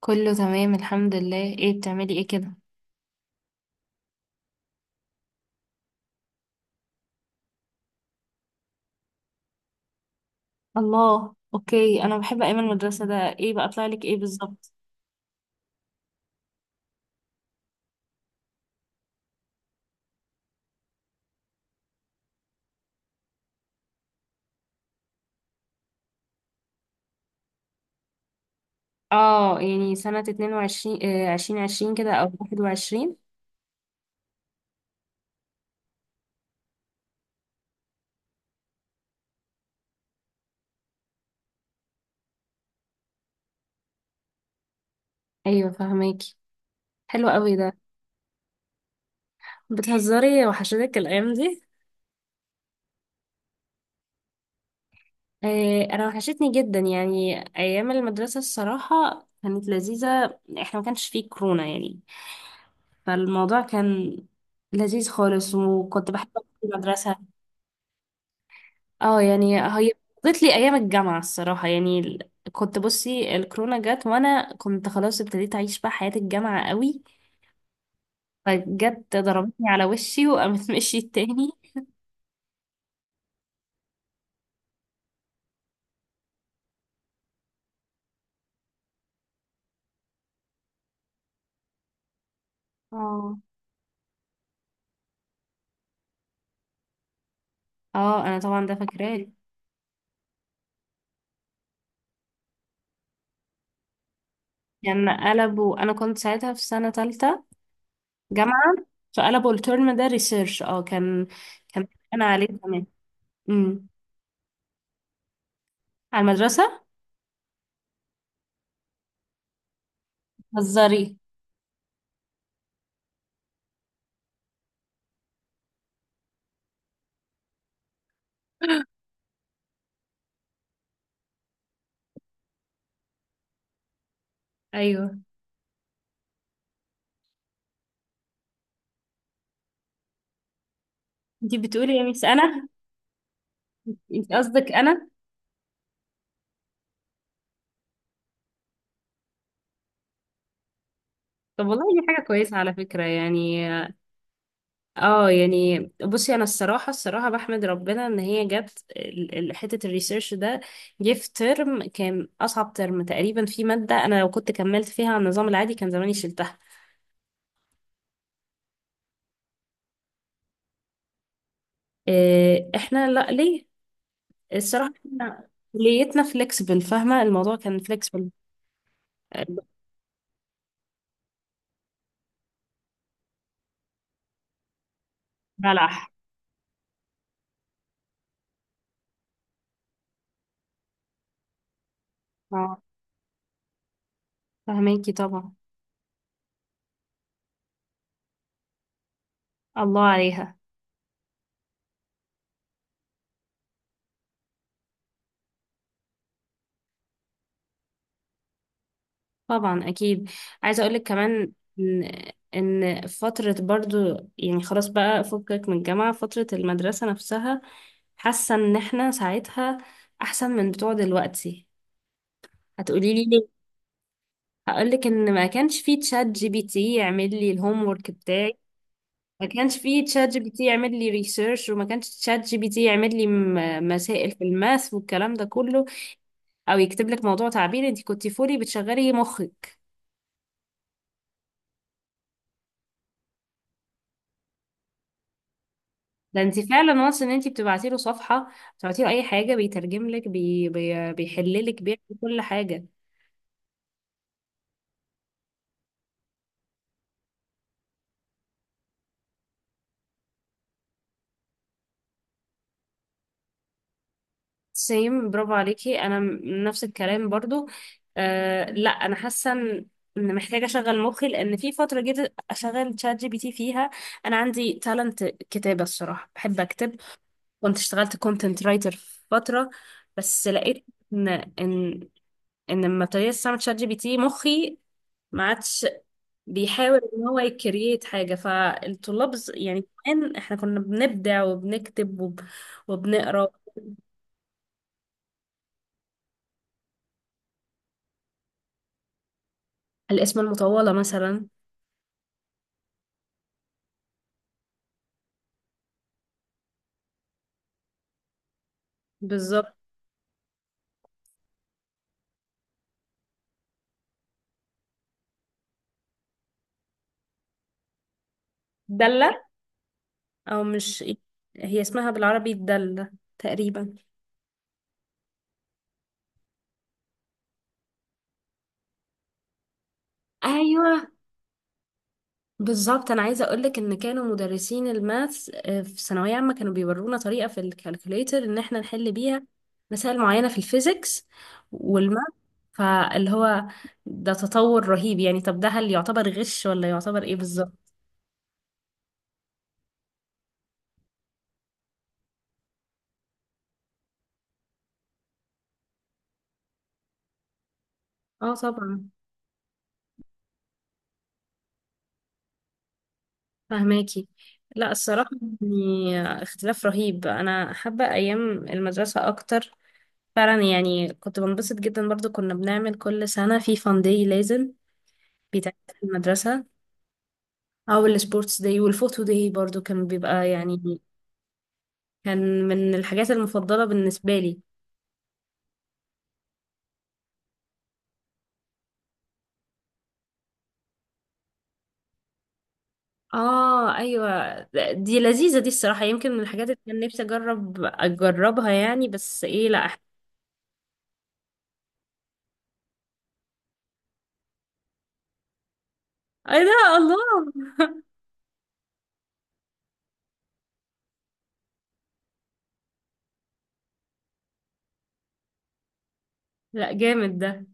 كله تمام الحمد لله، ايه بتعملي ايه كده؟ الله، اوكي. انا بحب ايام المدرسة. ده ايه بقى طلع لك ايه بالظبط؟ اه، يعني سنة 22، آه، 2020 كده او 21. ايوه، فهماكي. حلو قوي ده. بتهزري؟ وحشتك الايام دي؟ آه، انا وحشتني جدا. يعني ايام المدرسة الصراحة كانت لذيذة، احنا ما كانش فيه كورونا يعني. فالموضوع كان لذيذ خالص، وكنت بحب أروح المدرسة. اه، يعني هي قضت لي ايام الجامعه الصراحه. يعني كنت بصي، الكورونا جت وانا كنت خلاص ابتديت اعيش بقى حياه الجامعه قوي، فجت ضربتني على وشي وقامت مشيت تاني. اه، اه، انا طبعا ده فاكراه. كان قلبوا. انا كنت ساعتها في سنه تالتة جامعه. فقلبوا الترم ده ريسيرش. اه، كان، كان. انا عليه زمان. امم. على المدرسه. هزاري. ايوه، انتي بتقولي يا ميس؟ انا، انتي قصدك انا؟ طب والله دي حاجه كويسه على فكره يعني. اه، يعني بصي، انا الصراحه الصراحه بحمد ربنا ان هي جت حته الريسيرش ده. جه في ترم كان اصعب ترم تقريبا، في ماده انا لو كنت كملت فيها على النظام العادي كان زماني شلتها. إيه، احنا؟ لا، ليه؟ الصراحه احنا كليتنا فليكسبل، فاهمه؟ الموضوع كان فليكسبل. بلح. اه، فهماكي طبعا. الله عليها. طبعا اكيد. عايزه اقولك كمان ان ان فتره برضو، يعني خلاص بقى فكك من الجامعه، فتره المدرسه نفسها. حاسه ان احنا ساعتها احسن من بتوع دلوقتي. هتقولي لي ليه؟ هقولك ان ما كانش فيه تشات جي بي تي يعمل لي الهوم ورك بتاعي. ما كانش فيه تشات جي بي تي يعمل لي ريسيرش، وما كانش تشات جي بي تي يعمل لي مسائل في الماث والكلام ده كله. او يكتب لك موضوع تعبير. انت كنتي فولي بتشغلي مخك. ده انت فعلا وانس ان انت بتبعتي له صفحه، بتبعتي له اي حاجه، بيترجم لك، بيحل لك، بيعمل كل حاجه. سيم. برافو عليكي. انا نفس الكلام برضو. آه، لا، انا حاسه ان محتاجه اشغل مخي، لان في فتره جيت اشغل تشات جي بي تي فيها. انا عندي تالنت كتابه، الصراحه بحب اكتب. كنت اشتغلت كونتنت رايتر فتره، بس لقيت ان ان ان لما ابتديت استعمل تشات جي بي تي، مخي ما عادش بيحاول ان هو يكريت حاجة. فالطلاب، يعني كمان احنا كنا بنبدع وبنكتب وبنقرا. الاسم المطولة مثلا. بالظبط. دلة، او مش، هي اسمها بالعربي الدلة تقريبا. ايوه، بالظبط. انا عايزه اقولك ان كانوا مدرسين الماث في ثانويه عامه كانوا بيورونا طريقه في الكالكوليتر ان احنا نحل بيها مسائل معينه في الفيزيكس والماث. فاللي هو، ده تطور رهيب يعني. طب ده هل يعتبر غش ولا يعتبر ايه بالظبط؟ اه، طبعا. فهماكي. لا، الصراحه، يعني اختلاف رهيب. انا حابه ايام المدرسه اكتر فعلا يعني. كنت بنبسط جدا. برضو كنا بنعمل كل سنه في فان داي لازم بيتعمل في المدرسه. او السبورتس داي والفوتو داي برضو كان بيبقى يعني كان من الحاجات المفضلة بالنسبة لي. اه، ايوه، دي لذيذة. دي الصراحة يمكن من الحاجات اللي كان نفسي اجربها يعني. بس ايه، لا، ايه ده؟ الله! لا، جامد ده.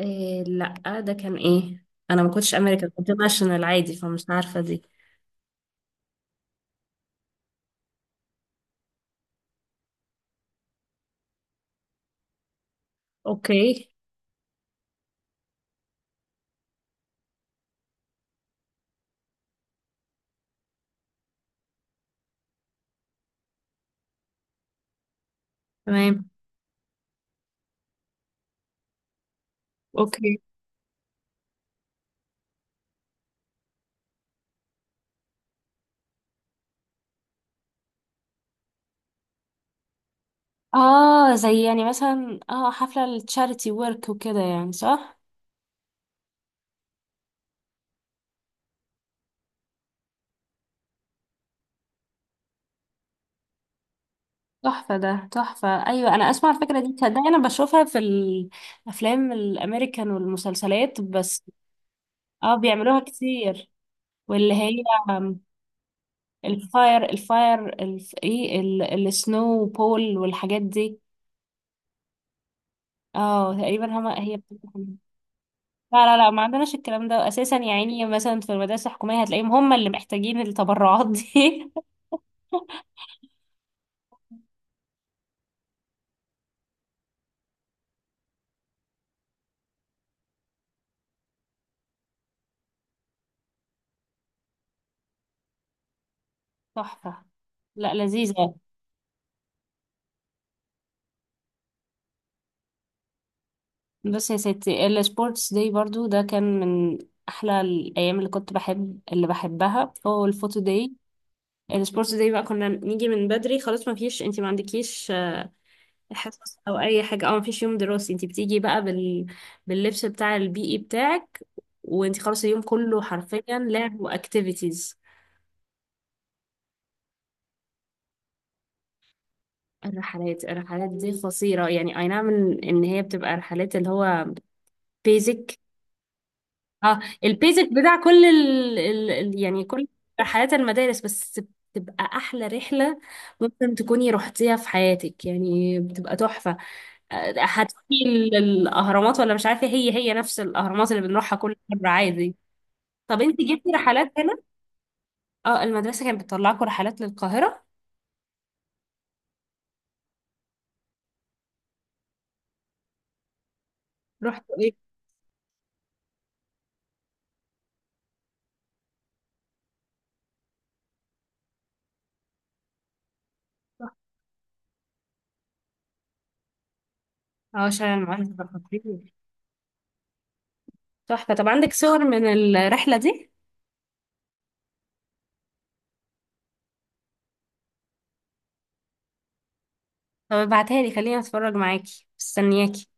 إيه، لا، ده كان ايه؟ انا ما كنتش امريكان، كنت ناشونال عادي فمش عارفة دي. اوكي. تمام. اوكي. اه، زي يعني مثلا حفلة التشاريتي ورك وكده يعني، صح. تحفة، ده تحفة، أيوة. أنا أسمع الفكرة دي تصدقي؟ أنا بشوفها في الأفلام الأمريكان والمسلسلات بس. اه، بيعملوها كتير. واللي هي، آم، الفاير، ايه، السنو بول والحاجات دي. اه، تقريبا، هي بتبقى- لا، لا، لا، ما عندناش الكلام ده أساسا يعني. مثلا في المدارس الحكومية هتلاقيهم هما اللي محتاجين التبرعات دي. تحفة. لا، لذيذة. بس يا ستي السبورتس داي برضو ده كان من احلى الايام. اللي بحبها هو الفوتو داي. السبورتس داي بقى كنا نيجي من بدري خلاص، ما فيش، انت ما عندكيش حصص او اي حاجه، او ما فيش يوم دراسي. انت بتيجي بقى باللبس بتاع البيئي بتاعك، وانت خلاص اليوم كله حرفيا لعب واكتيفيتيز. الرحلات دي قصيرة يعني، اي نعم، ان هي بتبقى رحلات اللي هو basic. اه، البيزك بتاع كل يعني كل رحلات المدارس، بس بتبقى احلى رحله ممكن تكوني رحتيها في حياتك يعني. بتبقى تحفه. هتروحي الاهرامات، ولا مش عارفه، هي نفس الاهرامات اللي بنروحها كل مره عادي. طب انت جبتي رحلات هنا؟ اه، المدرسه كانت بتطلعكم رحلات للقاهره. رحتوا ايه؟ اه، شارع المعز ده خطير. تحفه. طب عندك صور من الرحله دي؟ طب ابعتها لي، خليني اتفرج معاكي، مستنياكي.